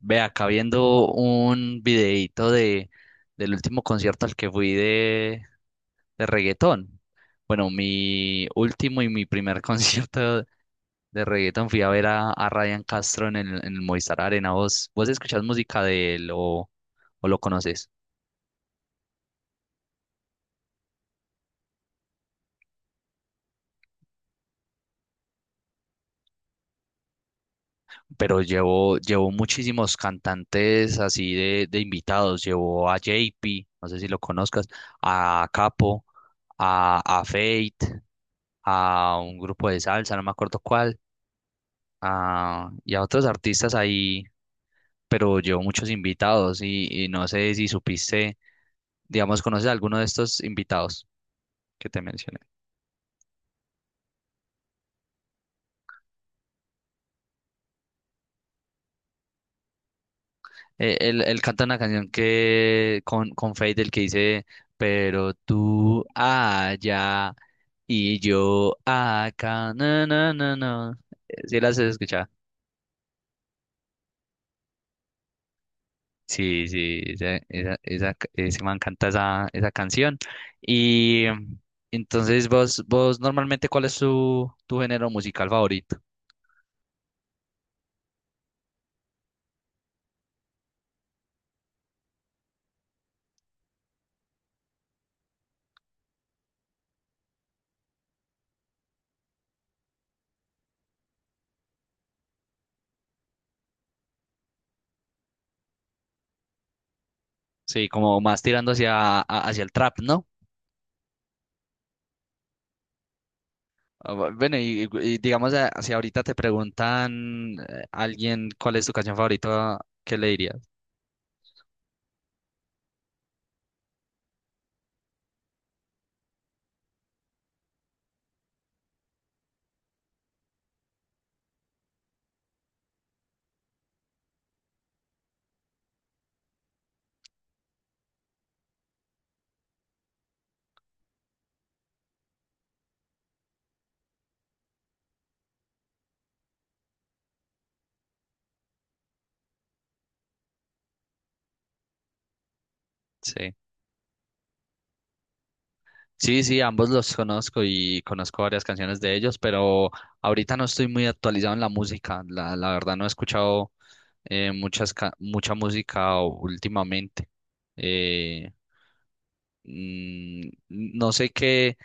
Ve acá viendo un videíto del último concierto al que fui de reggaetón. Bueno, mi último y mi primer concierto de reggaetón fui a ver a Ryan Castro en en el Movistar Arena. ¿Vos escuchás música de él o lo conoces? Pero llevó muchísimos cantantes así de invitados. Llevó a JP, no sé si lo conozcas, a Capo, a Fate, a un grupo de salsa, no me acuerdo cuál. Y a otros artistas ahí, pero llevo muchos invitados y no sé si supiste, digamos. ¿Conoces a alguno de estos invitados que te mencioné? Él canta una canción que con Feid, el que dice, pero tú allá y yo acá, no, no, no, no. ¿Si las has escuchado? Sí, sí, esa, ese man canta esa canción. Y entonces vos normalmente, ¿cuál es tu género musical favorito? Sí, como más tirando hacia, hacia el trap, ¿no? Ah, bueno, y digamos, si ahorita te preguntan, alguien, ¿cuál es tu canción favorita? ¿Qué le dirías? Sí. Sí, sí, ambos los conozco y conozco varias canciones de ellos, pero ahorita no estoy muy actualizado en la música. La verdad no he escuchado, muchas, mucha música últimamente. Eh, mm, no sé qué,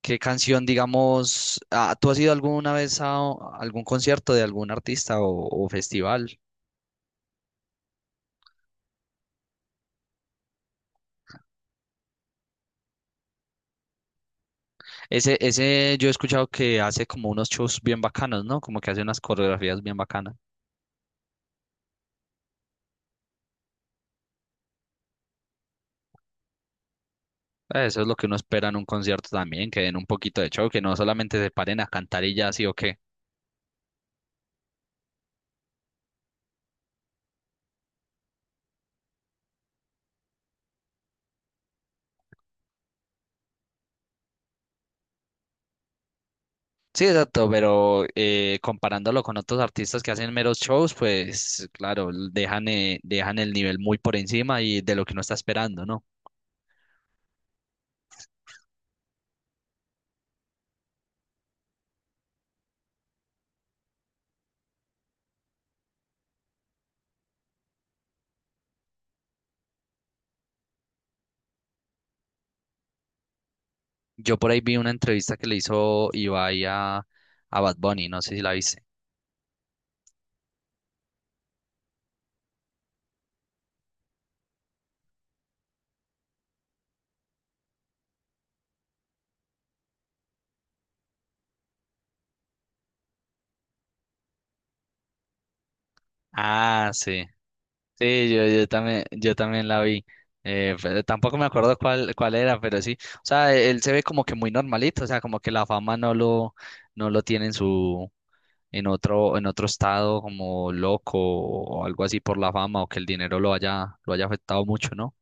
qué canción, digamos. Ah, ¿tú has ido alguna vez a a algún concierto de algún artista o festival? Ese yo he escuchado que hace como unos shows bien bacanos, ¿no? Como que hace unas coreografías bien bacanas. Eso es lo que uno espera en un concierto también, que den un poquito de show, que no solamente se paren a cantar y ya, sí o sí, exacto, pero comparándolo con otros artistas que hacen meros shows, pues claro, dejan, dejan el nivel muy por encima y de lo que uno está esperando, ¿no? Yo por ahí vi una entrevista que le hizo Ibai a Bad Bunny, no sé si la viste. Ah, sí. Sí, yo también la vi. Pero tampoco me acuerdo cuál, cuál era, pero sí. O sea, él se ve como que muy normalito, o sea, como que la fama no no lo tiene en en otro estado como loco o algo así por la fama o que el dinero lo lo haya afectado mucho, ¿no?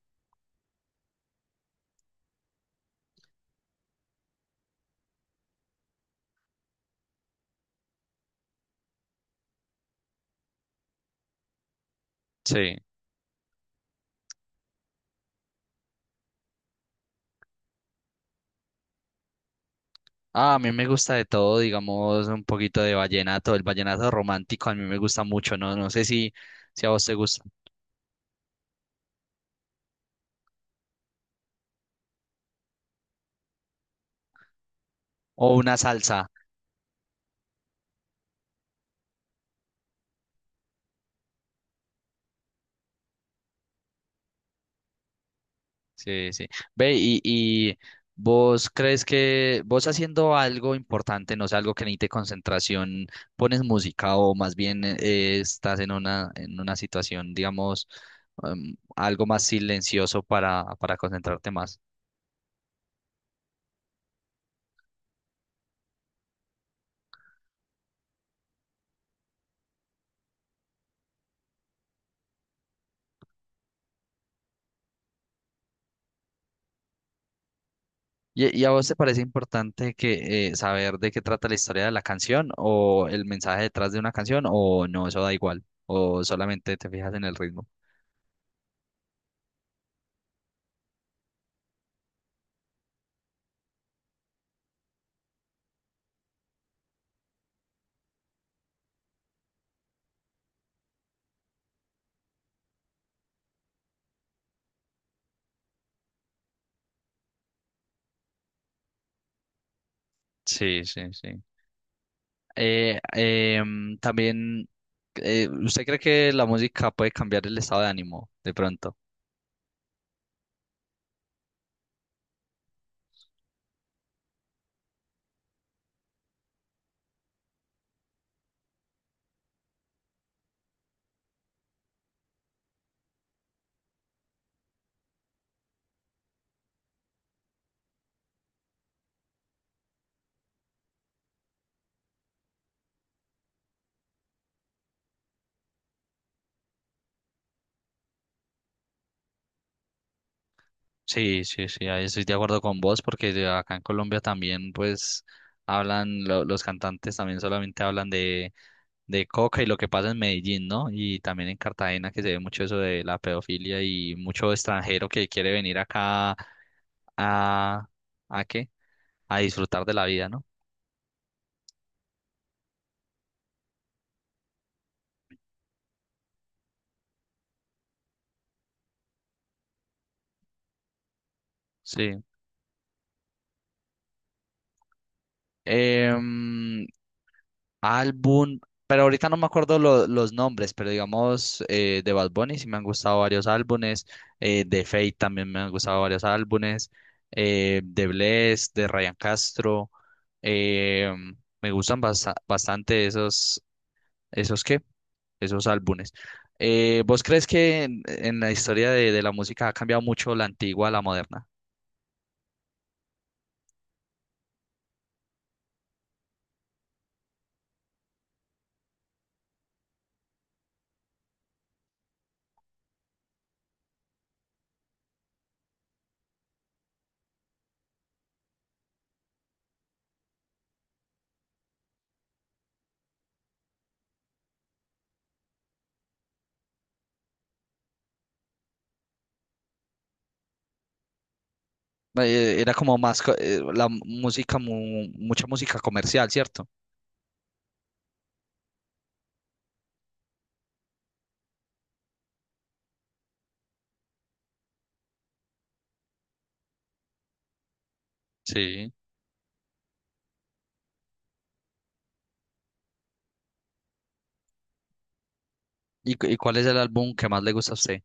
Sí. Ah, a mí me gusta de todo, digamos, un poquito de vallenato. El vallenato romántico a mí me gusta mucho, ¿no? No sé si, si a vos te gusta. O una salsa. Sí, sí. Ve, y vos crees que vos haciendo algo importante, no sé, algo que necesite concentración, pones música o más bien, estás en una situación, digamos, algo más silencioso para concentrarte más. Y a vos te parece importante que saber de qué trata la historia de la canción o el mensaje detrás de una canción o no, eso da igual, o solamente te fijas en el ritmo? Sí, sí, sí. También, ¿usted cree que la música puede cambiar el estado de ánimo de pronto? Sí, sí, sí, ahí estoy de acuerdo con vos, porque de acá en Colombia también, pues hablan, los cantantes también solamente hablan de coca y lo que pasa en Medellín, ¿no? Y también en Cartagena, que se ve mucho eso de la pedofilia y mucho extranjero que quiere venir acá a, ¿a qué? A disfrutar de la vida, ¿no? Sí. Em, álbum, pero ahorita no me acuerdo los nombres, pero digamos, de Bad Bunny sí me han gustado varios álbumes, de Fate también me han gustado varios álbumes, de Bless, de Ryan Castro, eh, me gustan bastante esos, esos qué, esos álbumes. ¿Vos crees que en la historia de la música ha cambiado mucho la antigua a la moderna? Era como más la música, mucha música comercial, ¿cierto? Sí. ¿Y cuál es el álbum que más le gusta a usted?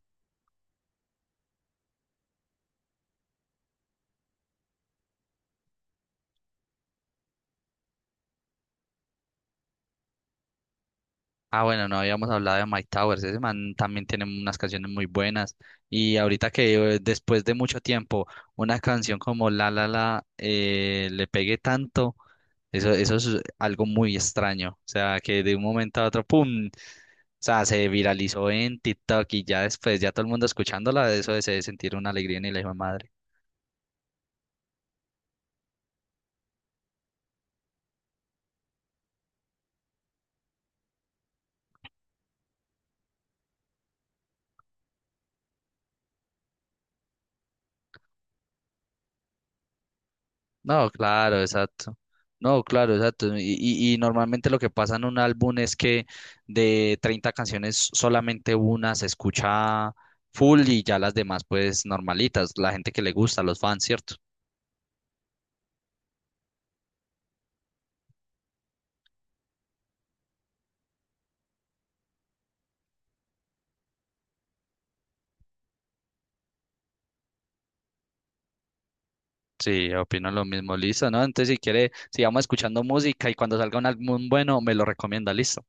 Ah, bueno, no habíamos hablado de Mike Towers. Ese man también tiene unas canciones muy buenas. Y ahorita que, después de mucho tiempo, una canción como La La La le pegue tanto, eso es algo muy extraño. O sea, que de un momento a otro, ¡pum! O sea, se viralizó en TikTok y ya después, ya todo el mundo escuchándola, eso de se sentir una alegría en el hijo de madre. No, claro, exacto. No, claro, exacto. Y, y normalmente lo que pasa en un álbum es que de 30 canciones solamente una se escucha full y ya las demás pues normalitas, la gente que le gusta, los fans, ¿cierto? Sí, opino lo mismo, listo, ¿no? Entonces si quiere, sigamos escuchando música y cuando salga un álbum bueno, me lo recomienda, listo.